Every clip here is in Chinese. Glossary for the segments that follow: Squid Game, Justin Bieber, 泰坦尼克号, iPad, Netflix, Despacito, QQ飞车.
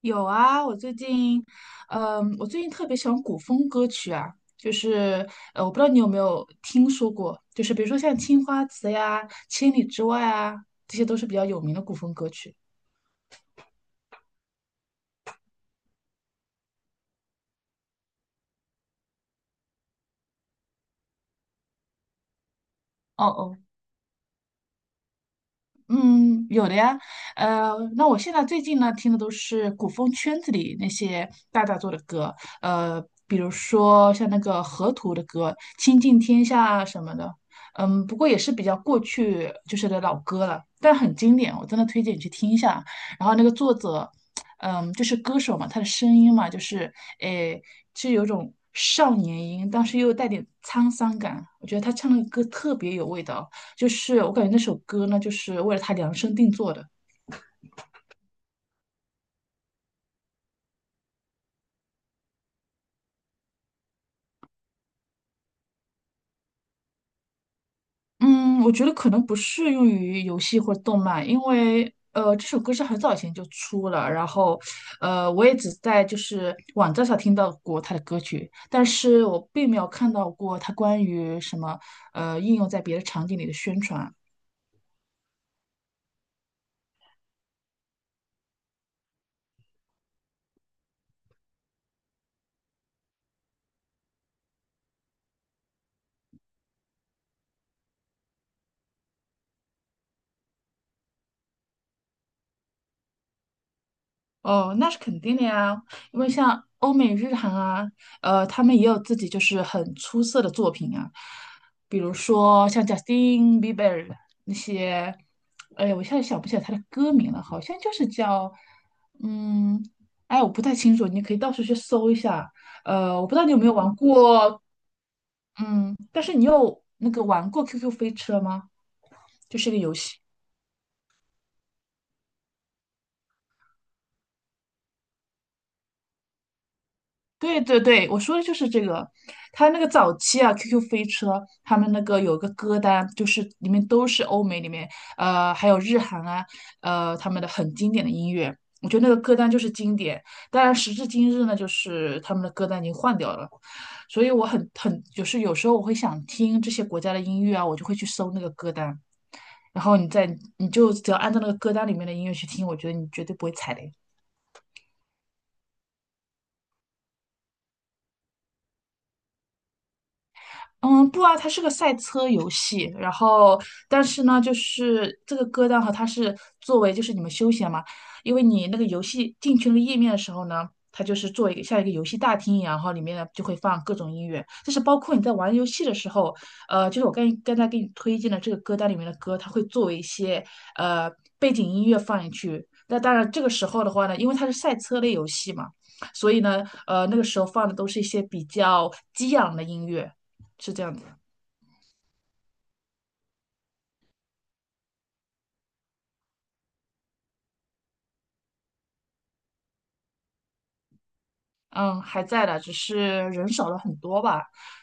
有啊，我最近，我最近特别喜欢古风歌曲啊，我不知道你有没有听说过，就是比如说像《青花瓷》呀，《千里之外》啊，这些都是比较有名的古风歌曲。哦哦，嗯，有的呀，那我现在最近呢听的都是古风圈子里那些大大做的歌，呃，比如说像那个河图的歌《倾尽天下》什么的。嗯，不过也是比较过去就是的老歌了，但很经典，我真的推荐你去听一下。然后那个作者，嗯，就是歌手嘛，他的声音嘛，就是诶，是有种少年音，但是又带点沧桑感，我觉得他唱的歌特别有味道。就是我感觉那首歌呢，就是为了他量身定做的。嗯，我觉得可能不适用于游戏或者动漫，因为这首歌是很早以前就出了，然后我也只在就是网站上听到过他的歌曲，但是我并没有看到过他关于什么应用在别的场景里的宣传。哦，那是肯定的呀，因为像欧美日韩啊，他们也有自己就是很出色的作品啊，比如说像 Justin Bieber 那些，哎呀，我现在想不起来他的歌名了，好像就是叫，嗯，哎，我不太清楚，你可以到处去搜一下。我不知道你有没有玩过，嗯，但是你有那个玩过 QQ 飞车吗？就是一个游戏。对对对，我说的就是这个。他那个早期啊，QQ 飞车他们那个有个歌单，就是里面都是欧美里面，还有日韩啊，他们的很经典的音乐。我觉得那个歌单就是经典，当然时至今日呢，就是他们的歌单已经换掉了，所以我很就是有时候我会想听这些国家的音乐啊，我就会去搜那个歌单，然后你再你就只要按照那个歌单里面的音乐去听，我觉得你绝对不会踩雷。嗯，不啊，它是个赛车游戏，然后但是呢，就是这个歌单哈，它是作为就是你们休闲嘛，因为你那个游戏进去那个页面的时候呢，它就是做一个像一个游戏大厅一样，然后里面呢就会放各种音乐，就是包括你在玩游戏的时候，就是我刚刚才给你推荐的这个歌单里面的歌，它会作为一些呃背景音乐放进去。那当然，这个时候的话呢，因为它是赛车类游戏嘛，所以呢，那个时候放的都是一些比较激昂的音乐。是这样子，嗯，还在的，只是人少了很多吧，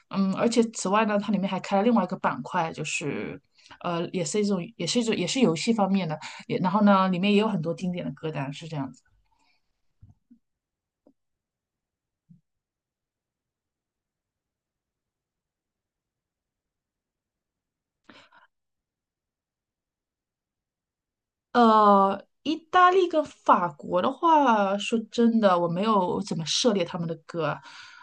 嗯，而且此外呢，它里面还开了另外一个板块，就是，也是一种，也是游戏方面的，也然后呢，里面也有很多经典的歌单，是这样子。意大利跟法国的话，说真的，我没有怎么涉猎他们的歌，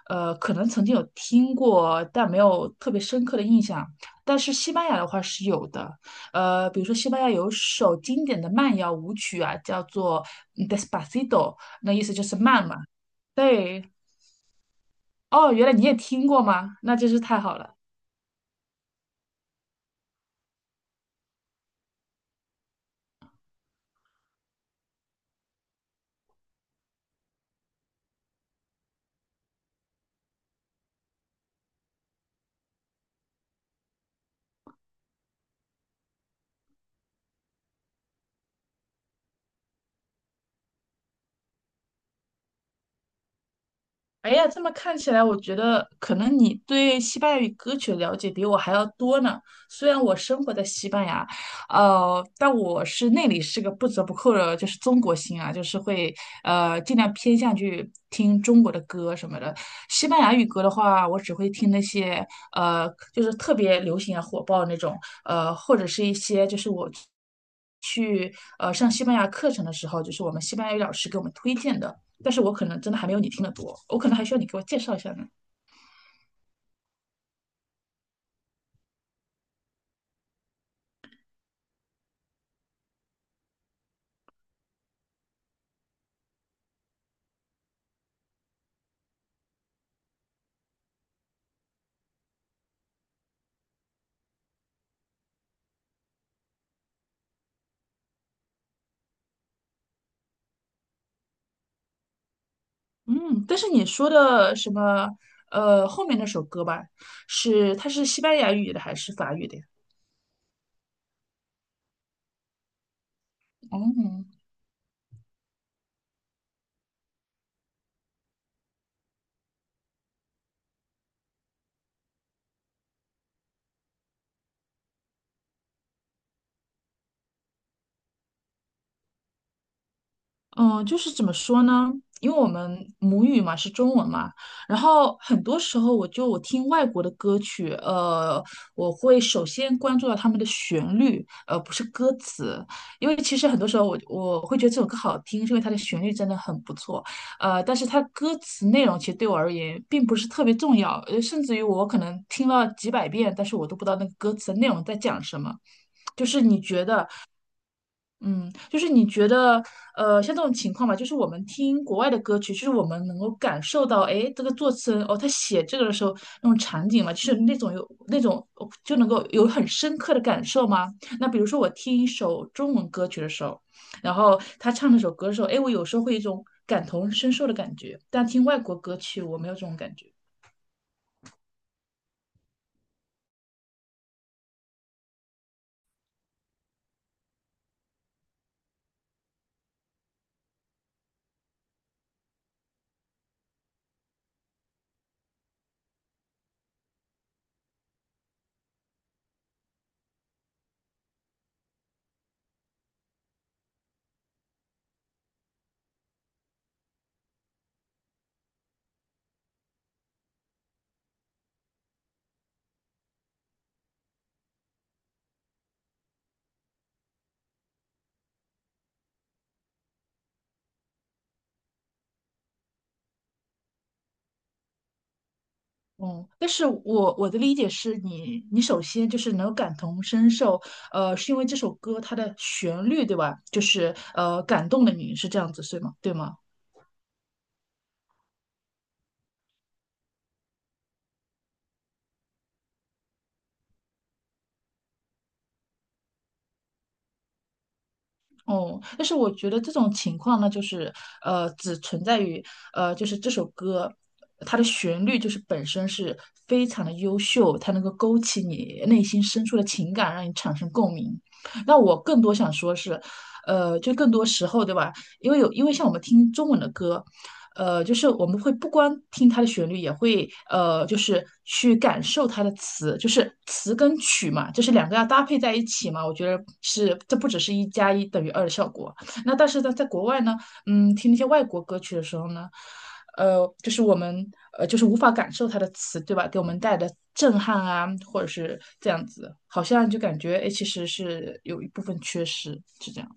可能曾经有听过，但没有特别深刻的印象。但是西班牙的话是有的，比如说西班牙有首经典的慢摇舞曲啊，叫做Despacito》,那意思就是慢嘛。对，哦，原来你也听过吗？那真是太好了。哎呀，这么看起来，我觉得可能你对西班牙语歌曲的了解比我还要多呢。虽然我生活在西班牙，但我是那里是个不折不扣的，就是中国心啊，就是会尽量偏向去听中国的歌什么的。西班牙语歌的话，我只会听那些就是特别流行啊、火爆那种，或者是一些就是我去上西班牙课程的时候，就是我们西班牙语老师给我们推荐的。但是我可能真的还没有你听得多，我可能还需要你给我介绍一下呢。嗯，但是你说的什么，后面那首歌吧，是它是西班牙语的还是法语的呀？哦、嗯，就是怎么说呢？因为我们母语嘛是中文嘛，然后很多时候我就我听外国的歌曲，我会首先关注到他们的旋律，而不是歌词，因为其实很多时候我会觉得这首歌好听，是因为它的旋律真的很不错，但是它歌词内容其实对我而言并不是特别重要，甚至于我可能听了几百遍，但是我都不知道那个歌词内容在讲什么。就是你觉得嗯，就是你觉得，像这种情况吧，就是我们听国外的歌曲，就是我们能够感受到，哎，这个作词人哦，他写这个的时候那种场景嘛，就是那种有那种哦就能够有很深刻的感受吗？那比如说我听一首中文歌曲的时候，然后他唱那首歌的时候，哎，我有时候会有一种感同身受的感觉，但听外国歌曲我没有这种感觉。嗯，但是我的理解是你，你首先就是能感同身受，是因为这首歌它的旋律，对吧？就是感动了你，是这样子，对吗？对吗？哦、但是我觉得这种情况呢，就是只存在于就是这首歌它的旋律就是本身是非常的优秀，它能够勾起你内心深处的情感，让你产生共鸣。那我更多想说是，就更多时候，对吧？因为有因为像我们听中文的歌，就是我们会不光听它的旋律，也会就是去感受它的词，就是词跟曲嘛，就是两个要搭配在一起嘛。我觉得是这不只是一加一等于二的效果。那但是呢，在国外呢，嗯，听那些外国歌曲的时候呢。就是我们就是无法感受它的词，对吧？给我们带来的震撼啊，或者是这样子，好像就感觉哎，诶其实是有一部分缺失，是这样。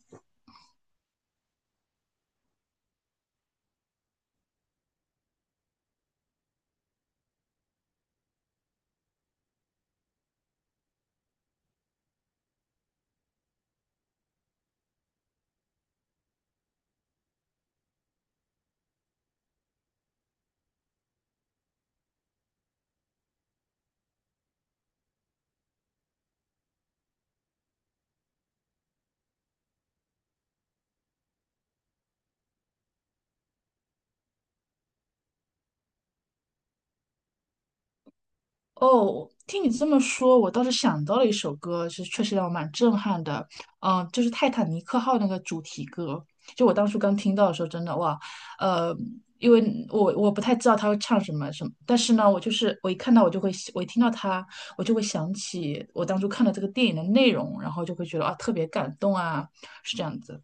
哦，听你这么说，我倒是想到了一首歌，是确实让我蛮震撼的。嗯，就是《泰坦尼克号》那个主题歌，就我当初刚听到的时候，真的哇，呃，因为我不太知道他会唱什么什么，但是呢，我就是我一看到我就会，我一听到他，我就会想起我当初看了这个电影的内容，然后就会觉得啊，特别感动啊，是这样子。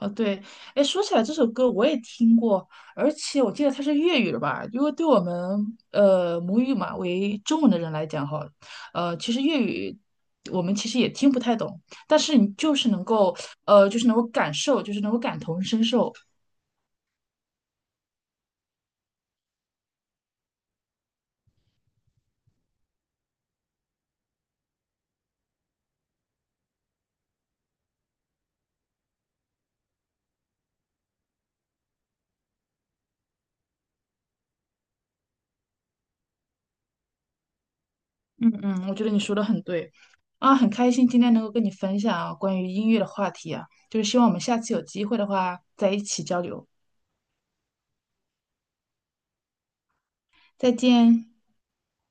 哦，对，哎，说起来这首歌我也听过，而且我记得它是粤语的吧？因为对我们母语嘛为中文的人来讲哈，其实粤语我们其实也听不太懂，但是你就是能够就是能够感受，就是能够感同身受。嗯嗯，我觉得你说的很对啊，很开心今天能够跟你分享啊关于音乐的话题啊，就是希望我们下次有机会的话在一起交流，再见。